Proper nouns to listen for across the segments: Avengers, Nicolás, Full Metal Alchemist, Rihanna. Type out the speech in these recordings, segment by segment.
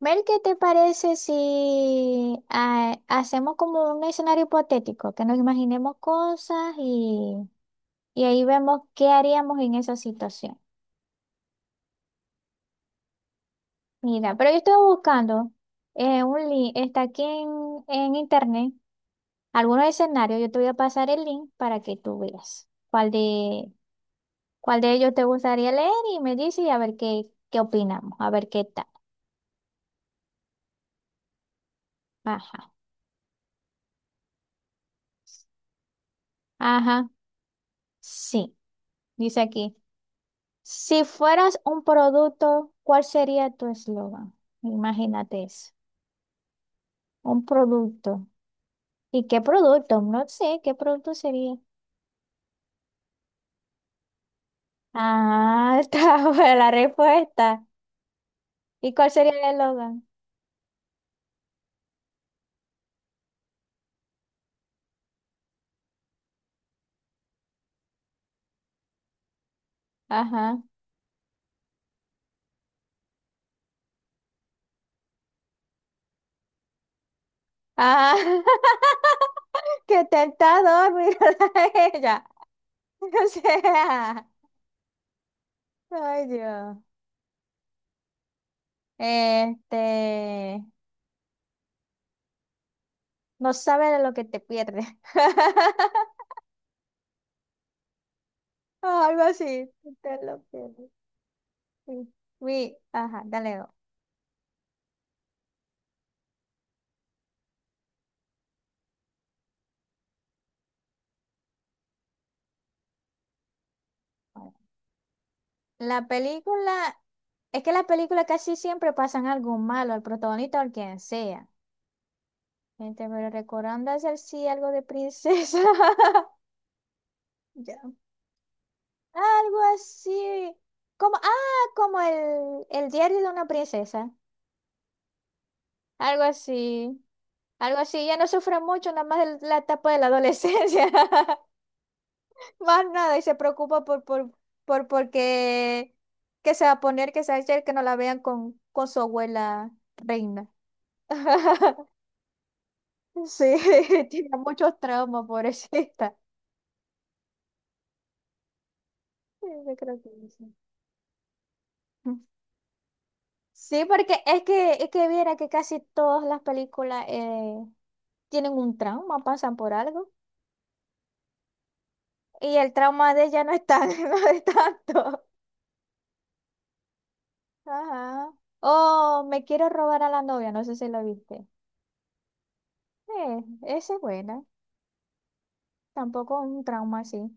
Mel, ¿qué te parece si hacemos como un escenario hipotético, que nos imaginemos cosas y ahí vemos qué haríamos en esa situación? Mira, pero yo estoy buscando un link, está aquí en internet, algunos escenarios, yo te voy a pasar el link para que tú veas cuál de ellos te gustaría leer y me dices y a ver qué opinamos, a ver qué tal. Ajá, ajá, sí, dice aquí. Si fueras un producto, ¿cuál sería tu eslogan? Imagínate eso. Un producto. ¿Y qué producto? No sé, ¿qué producto sería? Ah, está buena la respuesta. ¿Y cuál sería el eslogan? Ajá. Ah, qué tentador, mírala a ella. O sea, ay Dios. Este, no sabe de lo que te pierde. Algo así, te lo pierdes. Sí. Uy, ajá, dale. La película, es que las películas casi siempre pasan algo malo al protagonista o al quien sea. Gente, pero recordando hacer sí algo de princesa. Ya. Algo así. Como, como el diario de una princesa. Algo así. Algo así. Ya no sufre mucho, nada más la etapa de la adolescencia. Más nada. Y se preocupa por porque que se va a poner, que se va a hacer, que no la vean con su abuela reina. Sí, tiene muchos traumas, pobrecita. Sí, yo creo que sí. Sí, porque es que viera que casi todas las películas tienen un trauma, pasan por algo. Y el trauma de ella no es tan, no es tanto. Ajá. Oh, me quiero robar a la novia, no sé si lo viste. Esa es buena. Tampoco es un trauma así.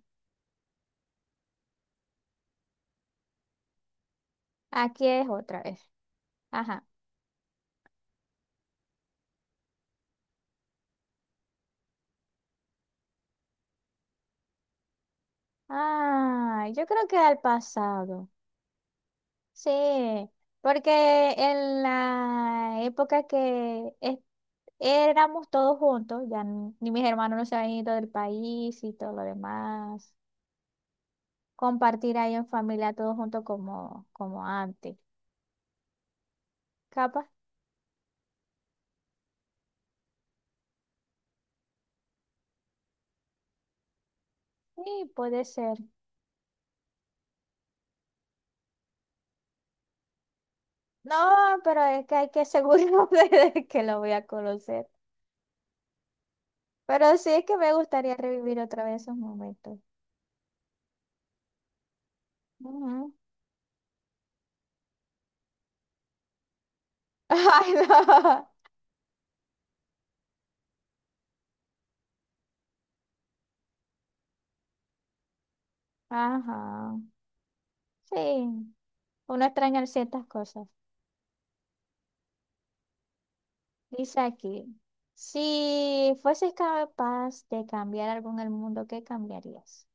Aquí es otra vez. Ajá. Ah, yo creo que al pasado. Sí, porque en la época que éramos todos juntos, ya ni mis hermanos no se habían ido del país y todo lo demás, compartir ahí en familia todos juntos como, como antes. Capaz, sí, puede ser. No, pero es que hay que asegurarme de que lo voy a conocer. Pero sí es que me gustaría revivir otra vez esos momentos. Ujú. Ay, no. Ajá. Sí, uno extraña ciertas cosas. Dice aquí, si fueses capaz de cambiar algo en el mundo, ¿qué cambiarías?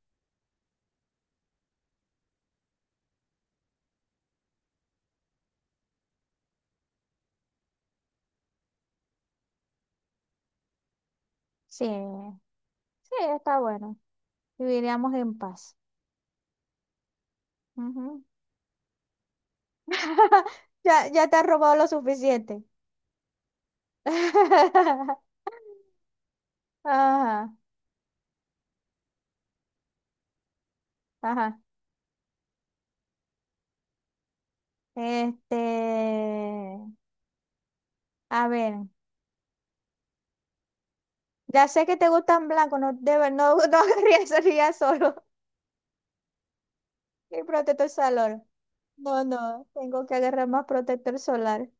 Sí, sí, está bueno. Viviríamos en paz. Ujú. Ya, ya te has robado lo suficiente. Ajá, ajá. Este, a ver, ya sé que te gustan blancos, no debe, no, no querría salir solo y protege el salón. No, no, tengo que agarrar más protector solar.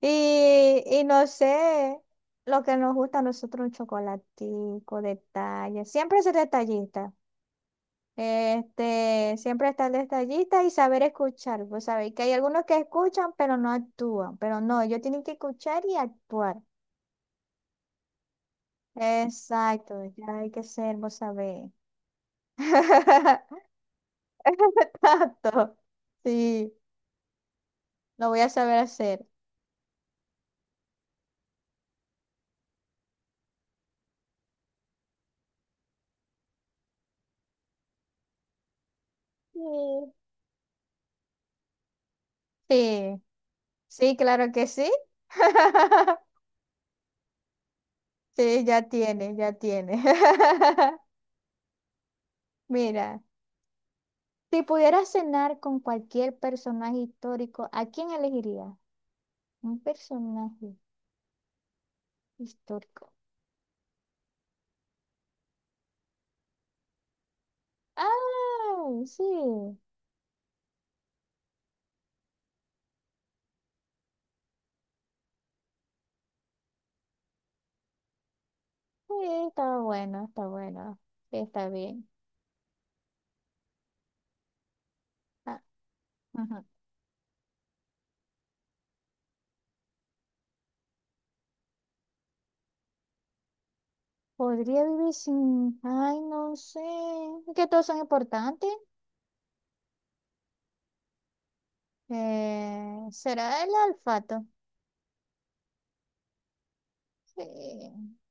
Y no sé, lo que nos gusta a nosotros, un chocolatico, detalle. Siempre ser detallista. Este, siempre estar detallista y saber escuchar. Pues sabéis que hay algunos que escuchan, pero no actúan. Pero no, ellos tienen que escuchar y actuar. Exacto, ya hay que ser, vos sabés. Exacto. Sí, lo voy a saber hacer. Sí. Sí. Sí, claro que sí. Sí, ya tiene, ya tiene. Mira, si pudieras cenar con cualquier personaje histórico, ¿a quién elegirías? Un personaje histórico. Ah, sí, sí, está bueno, está bueno. Sí, está bien. Ah, ujú. Podría vivir sin, ay, no sé, es que todos son importantes. ¿Será el olfato? Sí. O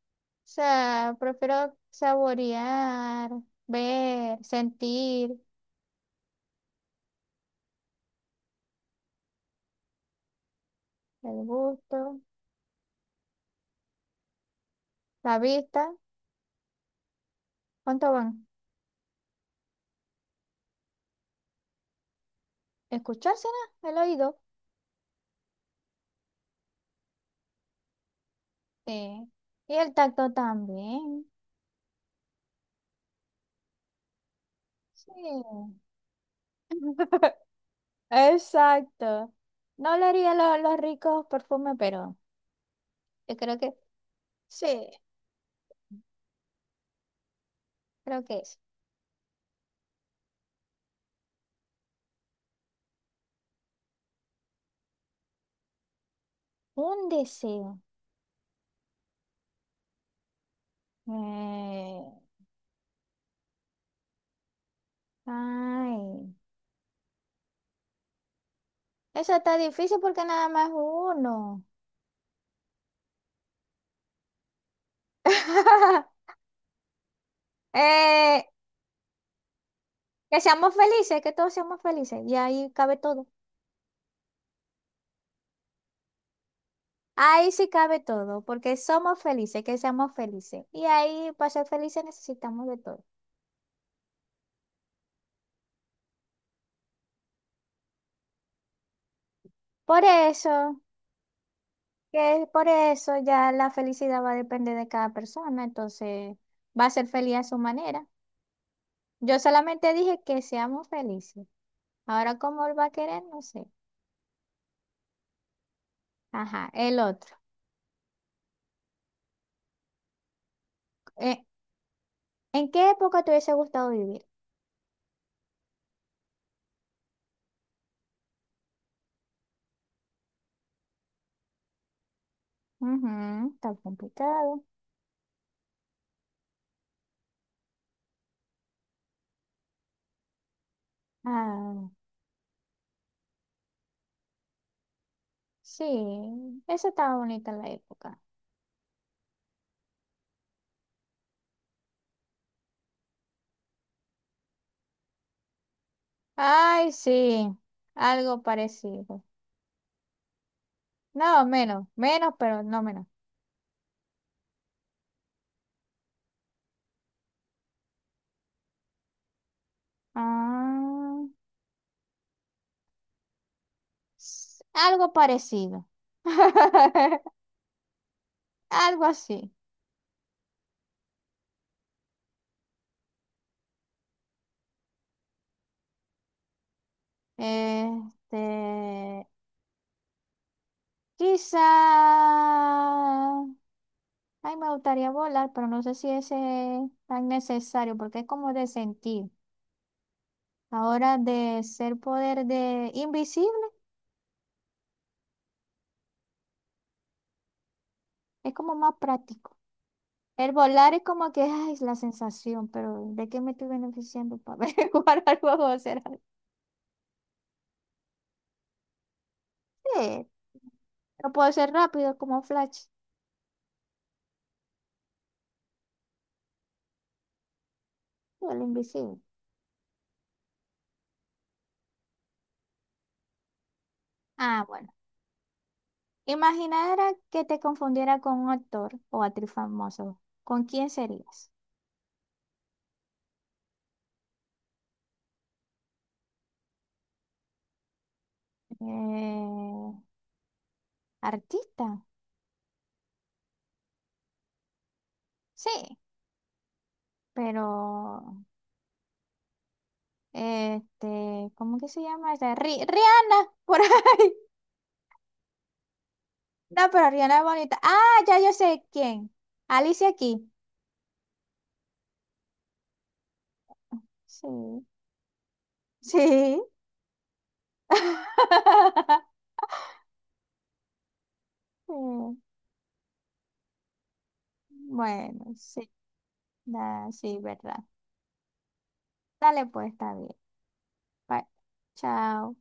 sea, prefiero saborear, ver, sentir el gusto, la vista. ¿Cuánto van? Escuchar será el oído. Sí. Y el tacto también. Sí. Exacto. No olería los ricos perfumes, pero yo creo que sí, creo que es. Un deseo. Eh, ay. Eso está difícil porque nada más uno. Eh, Que seamos felices, que todos seamos felices. Y ahí cabe todo. Ahí sí cabe todo, porque somos felices, que seamos felices. Y ahí para ser felices necesitamos de todo. Por eso, que por eso ya la felicidad va a depender de cada persona, entonces va a ser feliz a su manera. Yo solamente dije que seamos felices. Ahora, ¿cómo él va a querer? No sé. Ajá, el otro. Eh, ¿En qué época te hubiese gustado vivir? Ujú, está complicado. Ah, sí, esa estaba bonita en la época. Ay, sí, algo parecido. No, menos, menos, pero no menos. Ah, algo parecido. Algo así. Este, quizá. Ay, me gustaría volar, pero no sé si ese es tan necesario, porque es como de sentir. Ahora de ser poder de invisible, es como más práctico. El volar es como que ay, es la sensación, pero ¿de qué me estoy beneficiando para jugar algo juego? De ser. Sí, lo puedo hacer rápido como Flash, o el invisible. Ah, bueno. Imaginara que te confundiera con un actor o actriz famoso. ¿Con quién serías? Eh, artista. Sí, pero este, ¿cómo que se llama esa? Rihanna, por ahí. No, pero Rihanna es bonita. Ah, ya yo sé quién. Alicia aquí. Sí. Sí. Sí. Bueno, sí, sí, verdad. Dale pues, está bien. Bye. Chao.